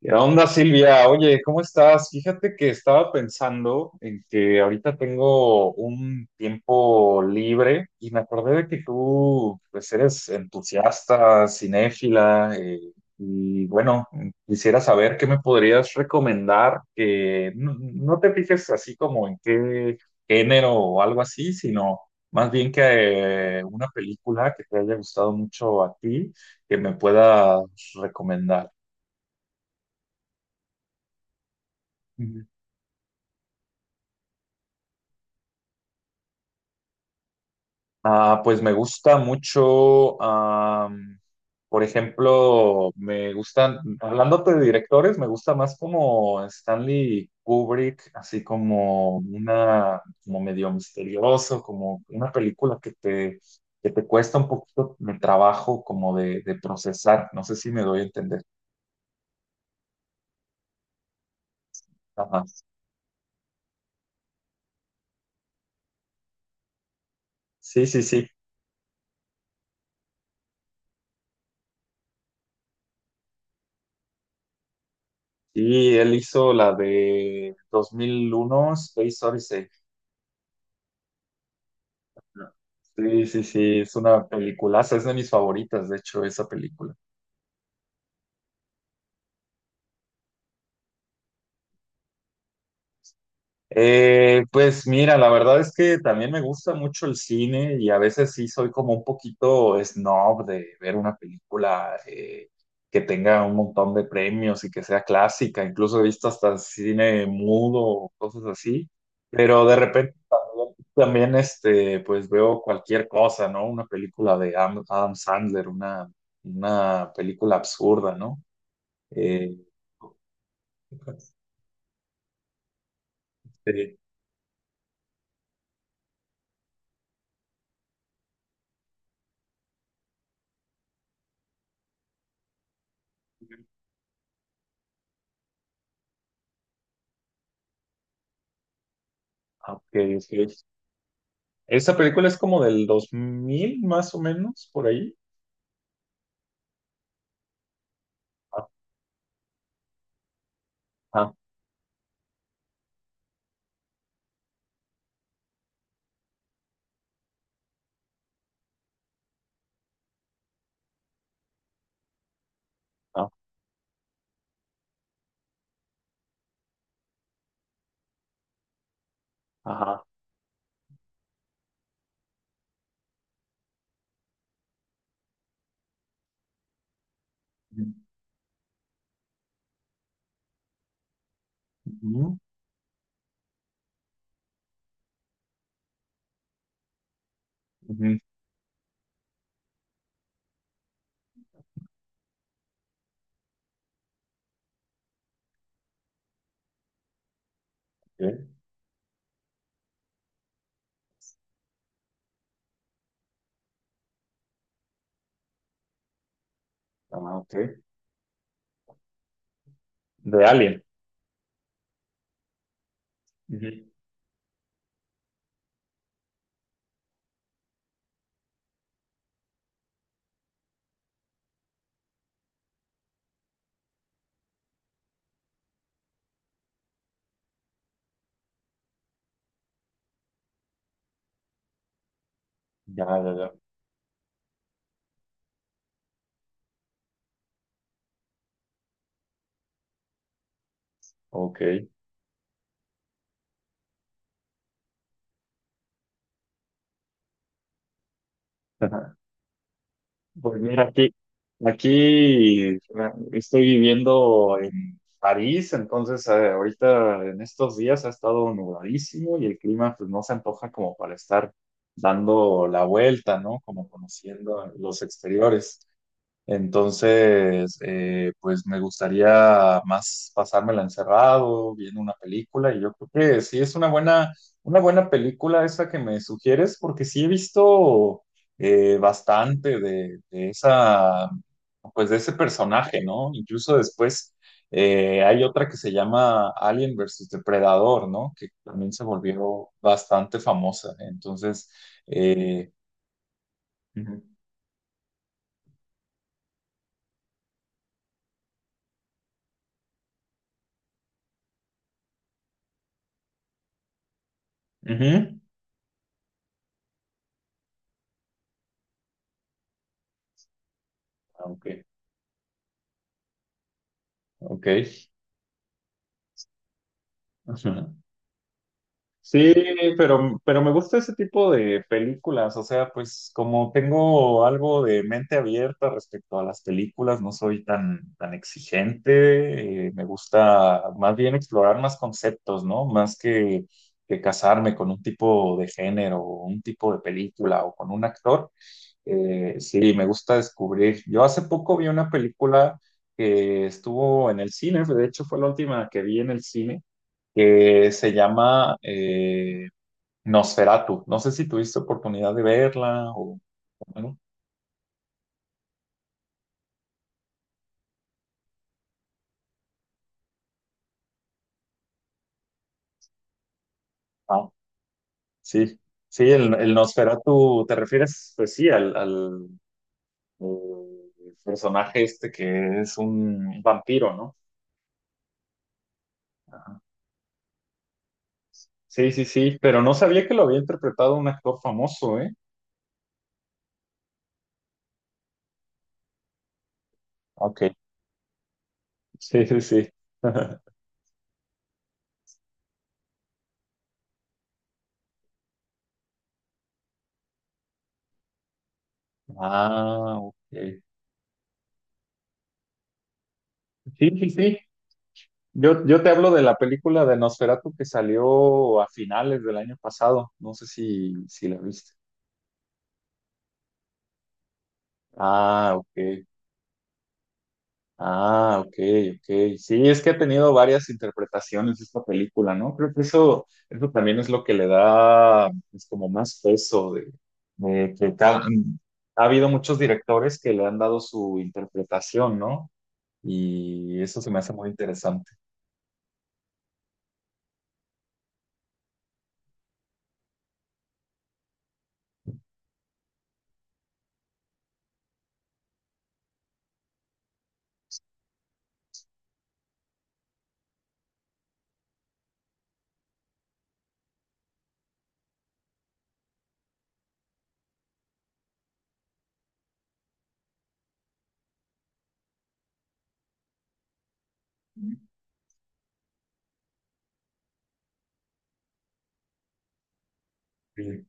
¿Qué onda, Silvia? Oye, ¿cómo estás? Fíjate que estaba pensando en que ahorita tengo un tiempo libre y me acordé de que tú, pues, eres entusiasta, cinéfila, y bueno, quisiera saber qué me podrías recomendar, que no, no te fijes así como en qué género o algo así, sino más bien que una película que te haya gustado mucho a ti, que me puedas recomendar. Ah, pues me gusta mucho, por ejemplo, me gustan, hablándote de directores, me gusta más como Stanley Kubrick, así como una, como medio misterioso, como una película que te cuesta un poquito de trabajo como de procesar, no sé si me doy a entender. Ajá. Sí, sí, sí. Y él hizo la de 2001, Space Odyssey. Sí, sí, sí, es una peliculaza, es de mis favoritas, de hecho, esa película. Pues mira, la verdad es que también me gusta mucho el cine y a veces sí soy como un poquito snob de ver una película que tenga un montón de premios y que sea clásica, incluso he visto hasta cine mudo o cosas así, pero de repente también pues veo cualquier cosa, ¿no? Una película de Adam Sandler, una película absurda, ¿no? Eh, sí, ah, ok, ok. Esa película es como del 2000 más o menos, por ahí. Ajá, ajá. Ajá. Ujú, ujú, ok, ah, ok. De Alien. Ujú. Ya, ya, ya. Ok. Pues mira, aquí, estoy viviendo en París, entonces ahorita en estos días ha estado nubladísimo y el clima pues no se antoja como para estar dando la vuelta, ¿no? Como conociendo los exteriores. Entonces, pues me gustaría más pasármela encerrado, viendo una película, y yo creo que sí es una buena, película esa que me sugieres, porque sí he visto bastante de esa, pues de ese personaje, ¿no? Incluso después hay otra que se llama Alien versus Depredador, ¿no? Que también se volvió bastante famosa. Entonces, eh, ujú, ujú. Ah, ok, ok. Sí, pero me gusta ese tipo de películas, o sea, pues como tengo algo de mente abierta respecto a las películas, no soy tan, exigente, me gusta más bien explorar más conceptos, ¿no? Más que casarme con un tipo de género o un tipo de película o con un actor, sí, me gusta descubrir. Yo hace poco vi una película que estuvo en el cine, de hecho fue la última que vi en el cine que se llama Nosferatu. No sé si tuviste oportunidad de verla o... Bueno, ah, sí, sí, el, Nosferatu, ¿te refieres? Pues sí, al, eh, personaje este que es un vampiro, ¿no? Ajá. Sí, sí, sí, pero no sabía que lo había interpretado un actor famoso, ¿eh? Ok, sí, sí, sí. Ah, ok. Sí, sí, sí. yo te hablo de la película de Nosferatu que salió a finales del año pasado. No sé si la viste. Ah, ok. Ah, ok, ok. Sí, es que ha tenido varias interpretaciones esta película, ¿no? Creo que eso también es lo que le da pues, como más peso de que ha habido muchos directores que le han dado su interpretación, ¿no? Y eso se me hace muy interesante. Sí.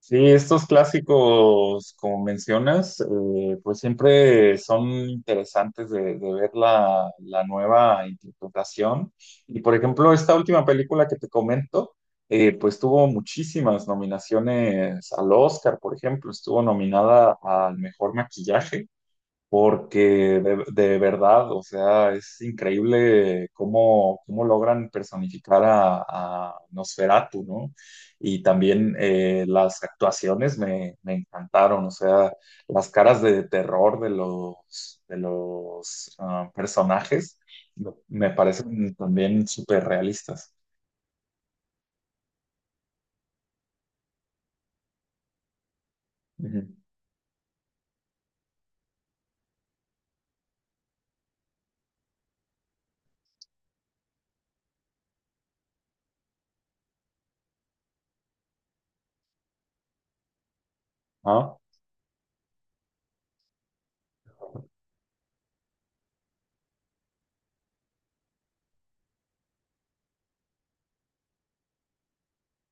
Sí, estos clásicos, como mencionas, pues siempre son interesantes de, ver la nueva interpretación. Y por ejemplo, esta última película que te comento, pues tuvo muchísimas nominaciones al Oscar, por ejemplo, estuvo nominada al mejor maquillaje porque de, verdad, o sea, es increíble cómo, logran personificar a Nosferatu, ¿no? Y también las actuaciones me, encantaron, o sea, las caras de terror de los personajes me parecen también súper realistas. Ujú. Ah,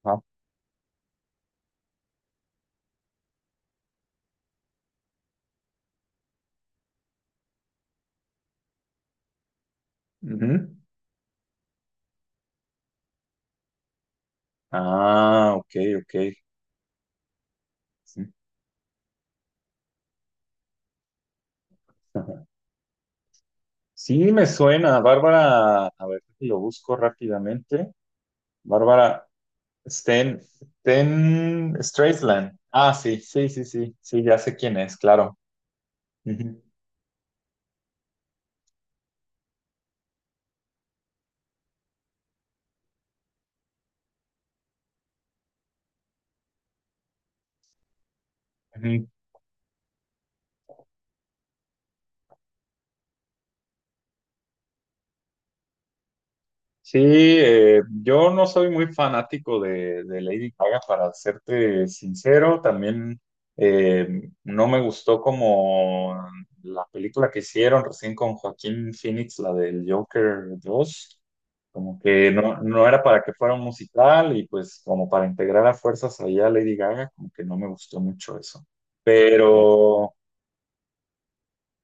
ah, ujú. Ah, ok, ok. Sí. Sí, me suena. Bárbara, a ver si lo busco rápidamente. Bárbara Sten, Sten Streisand. Ah, sí, sí, sí, sí, sí, ya sé quién es, claro. Ujú. Ujú. Sí, yo no soy muy fanático de Lady Gaga, para serte sincero. También no me gustó como la película que hicieron recién con Joaquín Phoenix, la del Joker 2. Como que no, no era para que fuera un musical y pues como para integrar a fuerzas allá a Lady Gaga, como que no me gustó mucho eso. Pero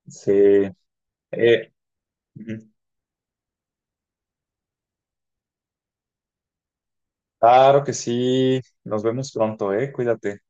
sí, eh, ujú. Claro que sí. Nos vemos pronto, eh. Cuídate.